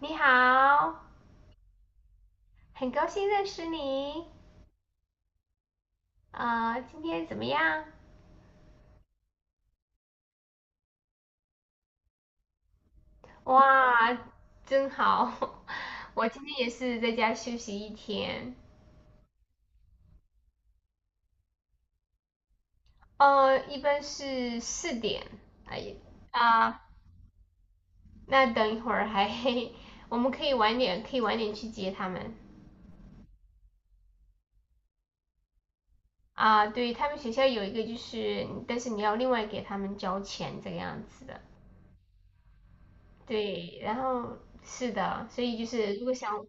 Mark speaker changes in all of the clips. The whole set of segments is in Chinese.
Speaker 1: 你好，很高兴认识你。今天怎么样？哇，真好！我今天也是在家休息一天。一般是四点。哎呀，啊、那等一会儿还，我们可以晚点，可以晚点去接他们。对，他们学校有一个就是，但是你要另外给他们交钱这个样子的。对，然后是的，所以就是如果想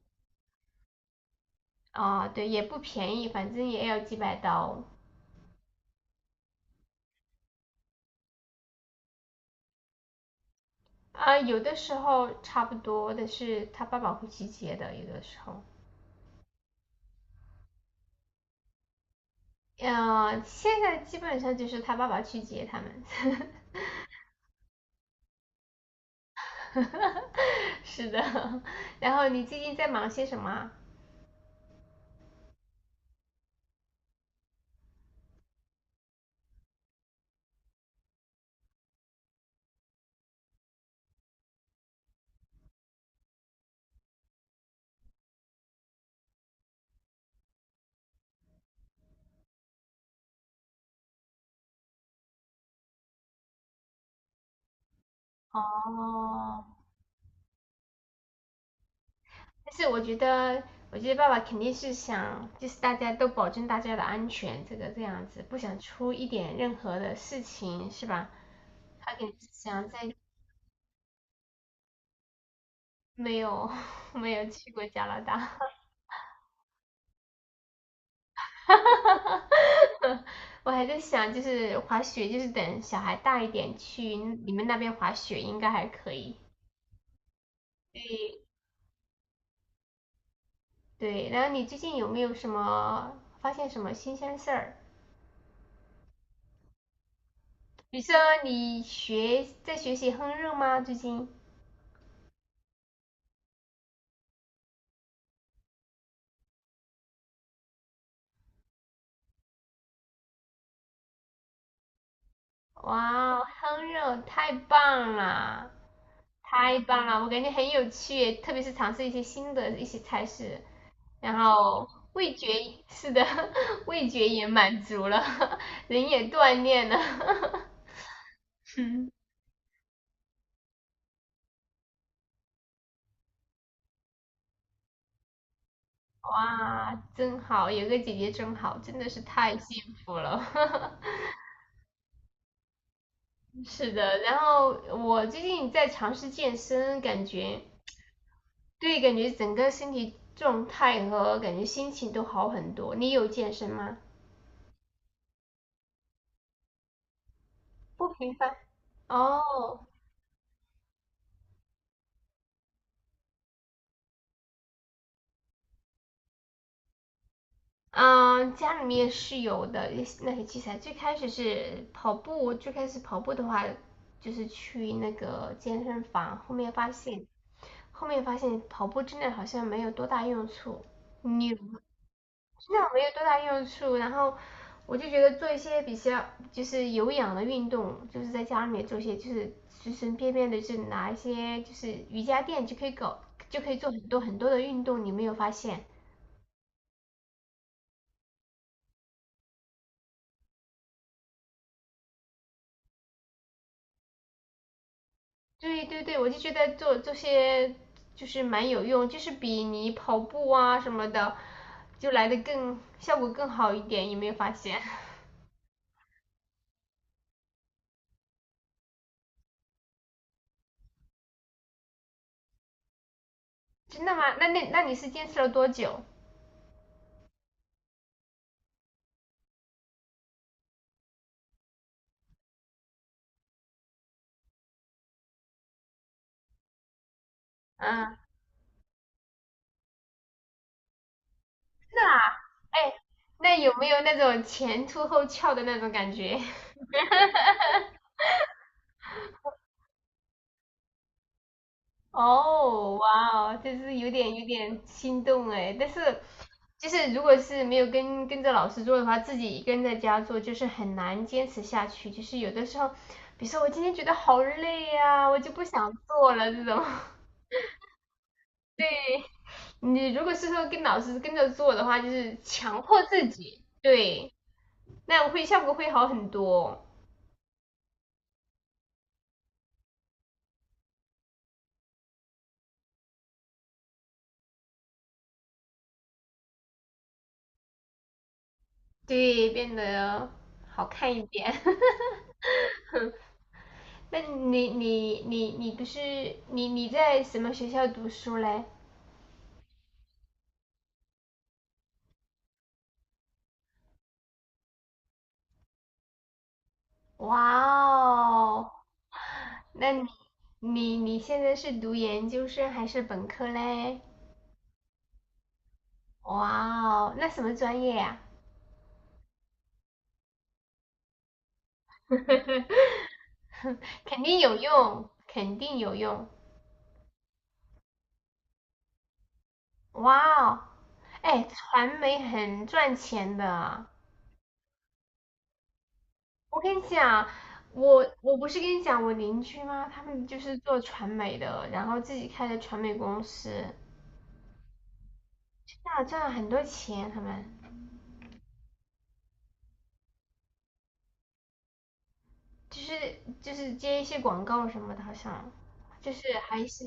Speaker 1: 啊，对，也不便宜，反正也要几百刀啊。有的时候差不多的是他爸爸会去接的，有的时候，现在基本上就是他爸爸去接他们。是的，然后你最近在忙些什么啊哦，但是我觉得，我觉得爸爸肯定是想，就是大家都保证大家的安全，这个这样子，不想出一点任何的事情，是吧？他肯定是想在没有，没有去过加拿大。我还在想，就是滑雪，就是等小孩大一点去你们那边滑雪，应该还可以。对对，然后你最近有没有什么发现什么新鲜事儿？比如说你学在学习烹饪吗？最近？哇，烹饪太棒了，太棒了！我感觉很有趣，特别是尝试一些新的一些菜式。然后味觉是的，味觉也满足了，人也锻炼了，哇，真好，有个姐姐真好，真的是太幸福了。是的，然后我最近在尝试健身，感觉对，感觉整个身体状态和感觉心情都好很多。你有健身吗？不频繁哦，嗯，家里面是有的一些那些器材。最开始是跑步，最开始跑步的话，就是去那个健身房。后面发现，后面发现跑步真的好像没有多大用处，你真的没有多大用处。然后我就觉得做一些比较就是有氧的运动，就是在家里面做一些就是随随便便的，就是拿一些就是瑜伽垫就可以搞，就可以做很多很多的运动。你没有发现？对对对，我就觉得做这些就是蛮有用，就是比你跑步啊什么的，就来的更效果更好一点，有没有发现？真的吗？那你是坚持了多久？嗯，真的啊？哎，那有没有那种前凸后翘的那种感觉？哦，哇哦，就是有点有点心动哎，但是就是如果是没有跟着老师做的话，自己一个人在家做就是很难坚持下去，就是有的时候，比如说我今天觉得好累呀、我就不想做了这种。对，你如果是说跟老师跟着做的话，就是强迫自己，对，那会效果会好很多，对，变得好看一点。那你你你你不是你你在什么学校读书嘞？哇哦，那你你现在是读研究生还是本科嘞？哇哦，那什么专业呀、肯定有用，肯定有用。哇哦，哎，传媒很赚钱的。我跟你讲，我不是跟你讲我邻居吗？他们就是做传媒的，然后自己开的传媒公司。那我赚了很多钱，他们就是就是接一些广告什么的，好像就是还是，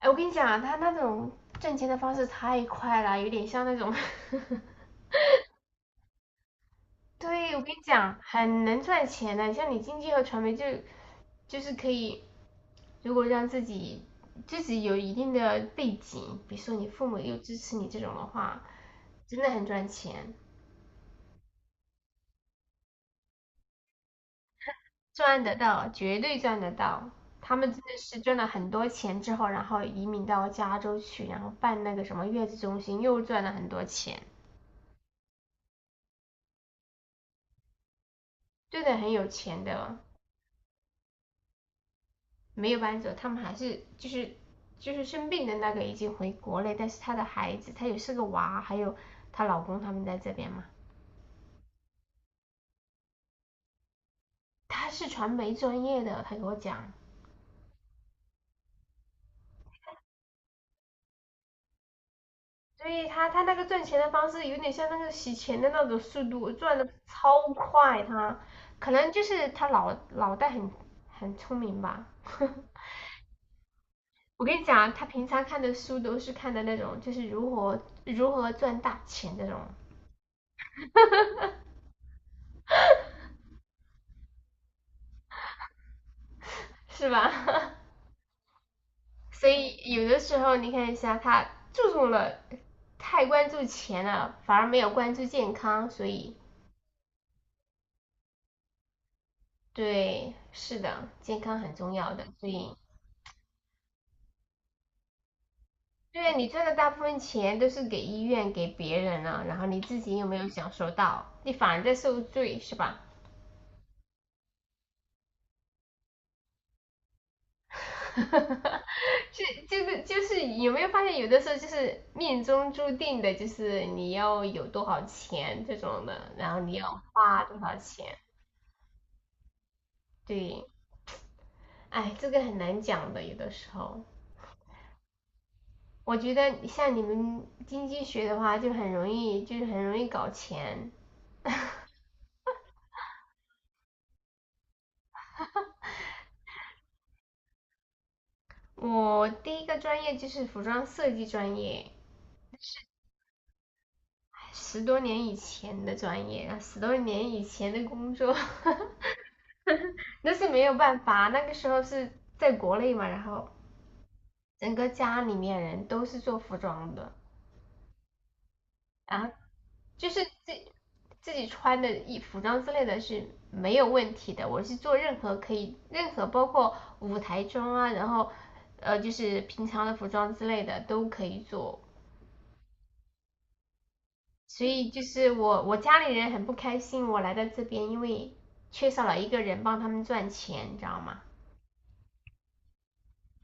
Speaker 1: 哎，我跟你讲啊他那种赚钱的方式太快了，有点像那种 对，我跟你讲，很能赚钱的，像你经济和传媒就就是可以，如果让自己自己有一定的背景，比如说你父母又支持你这种的话，真的很赚钱。赚得到，绝对赚得到。他们真的是赚了很多钱之后，然后移民到加州去，然后办那个什么月子中心，又赚了很多钱。真的，很有钱的没有搬走，他们还是就是就是生病的那个已经回国内，但是他的孩子，他也是个娃，还有她老公他们在这边嘛。他是传媒专业的，他给我讲，所以他那个赚钱的方式有点像那个洗钱的那种速度，赚的超快他。可能就是他脑袋很很聪明吧。我跟你讲啊，他平常看的书都是看的那种，就是如何如何赚大钱那种，是吧？所以有的时候你看一下，他注重了太关注钱了，反而没有关注健康，所以对，是的，健康很重要的，所以对你赚的大部分钱都是给医院、给别人了，然后你自己又没有享受到，你反而在受罪，是吧？是，就是有没有发现，有的时候就是命中注定的，就是你要有多少钱这种的，然后你要花多少钱，对，哎，这个很难讲的，有的时候。我觉得像你们经济学的话，就很容易，就是很容易搞钱。我第一个专业就是服装设计专业，十多年以前的专业，十多年以前的工作，那是没有办法。那个时候是在国内嘛，然后整个家里面人都是做服装的，然后就是自自己穿的衣服装之类的是没有问题的。我是做任何可以，任何包括舞台装啊，然后就是平常的服装之类的都可以做，所以就是我家里人很不开心，我来到这边，因为缺少了一个人帮他们赚钱，你知道吗？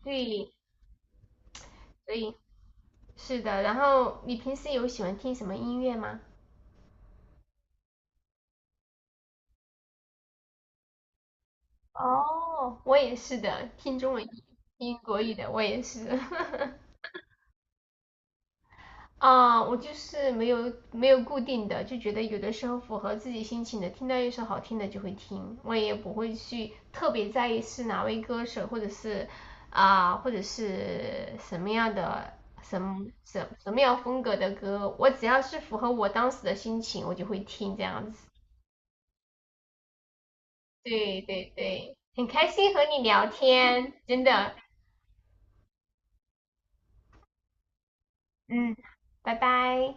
Speaker 1: 对，所以是的。然后你平时有喜欢听什么音乐吗？哦，我也是的，听中文、听国语的，我也是。啊，我就是没有固定的，就觉得有的时候符合自己心情的，听到一首好听的就会听，我也不会去特别在意是哪位歌手或者是或者是什么样的什么样风格的歌，我只要是符合我当时的心情，我就会听这样子。对对对，很开心和你聊天，真的，嗯，拜拜。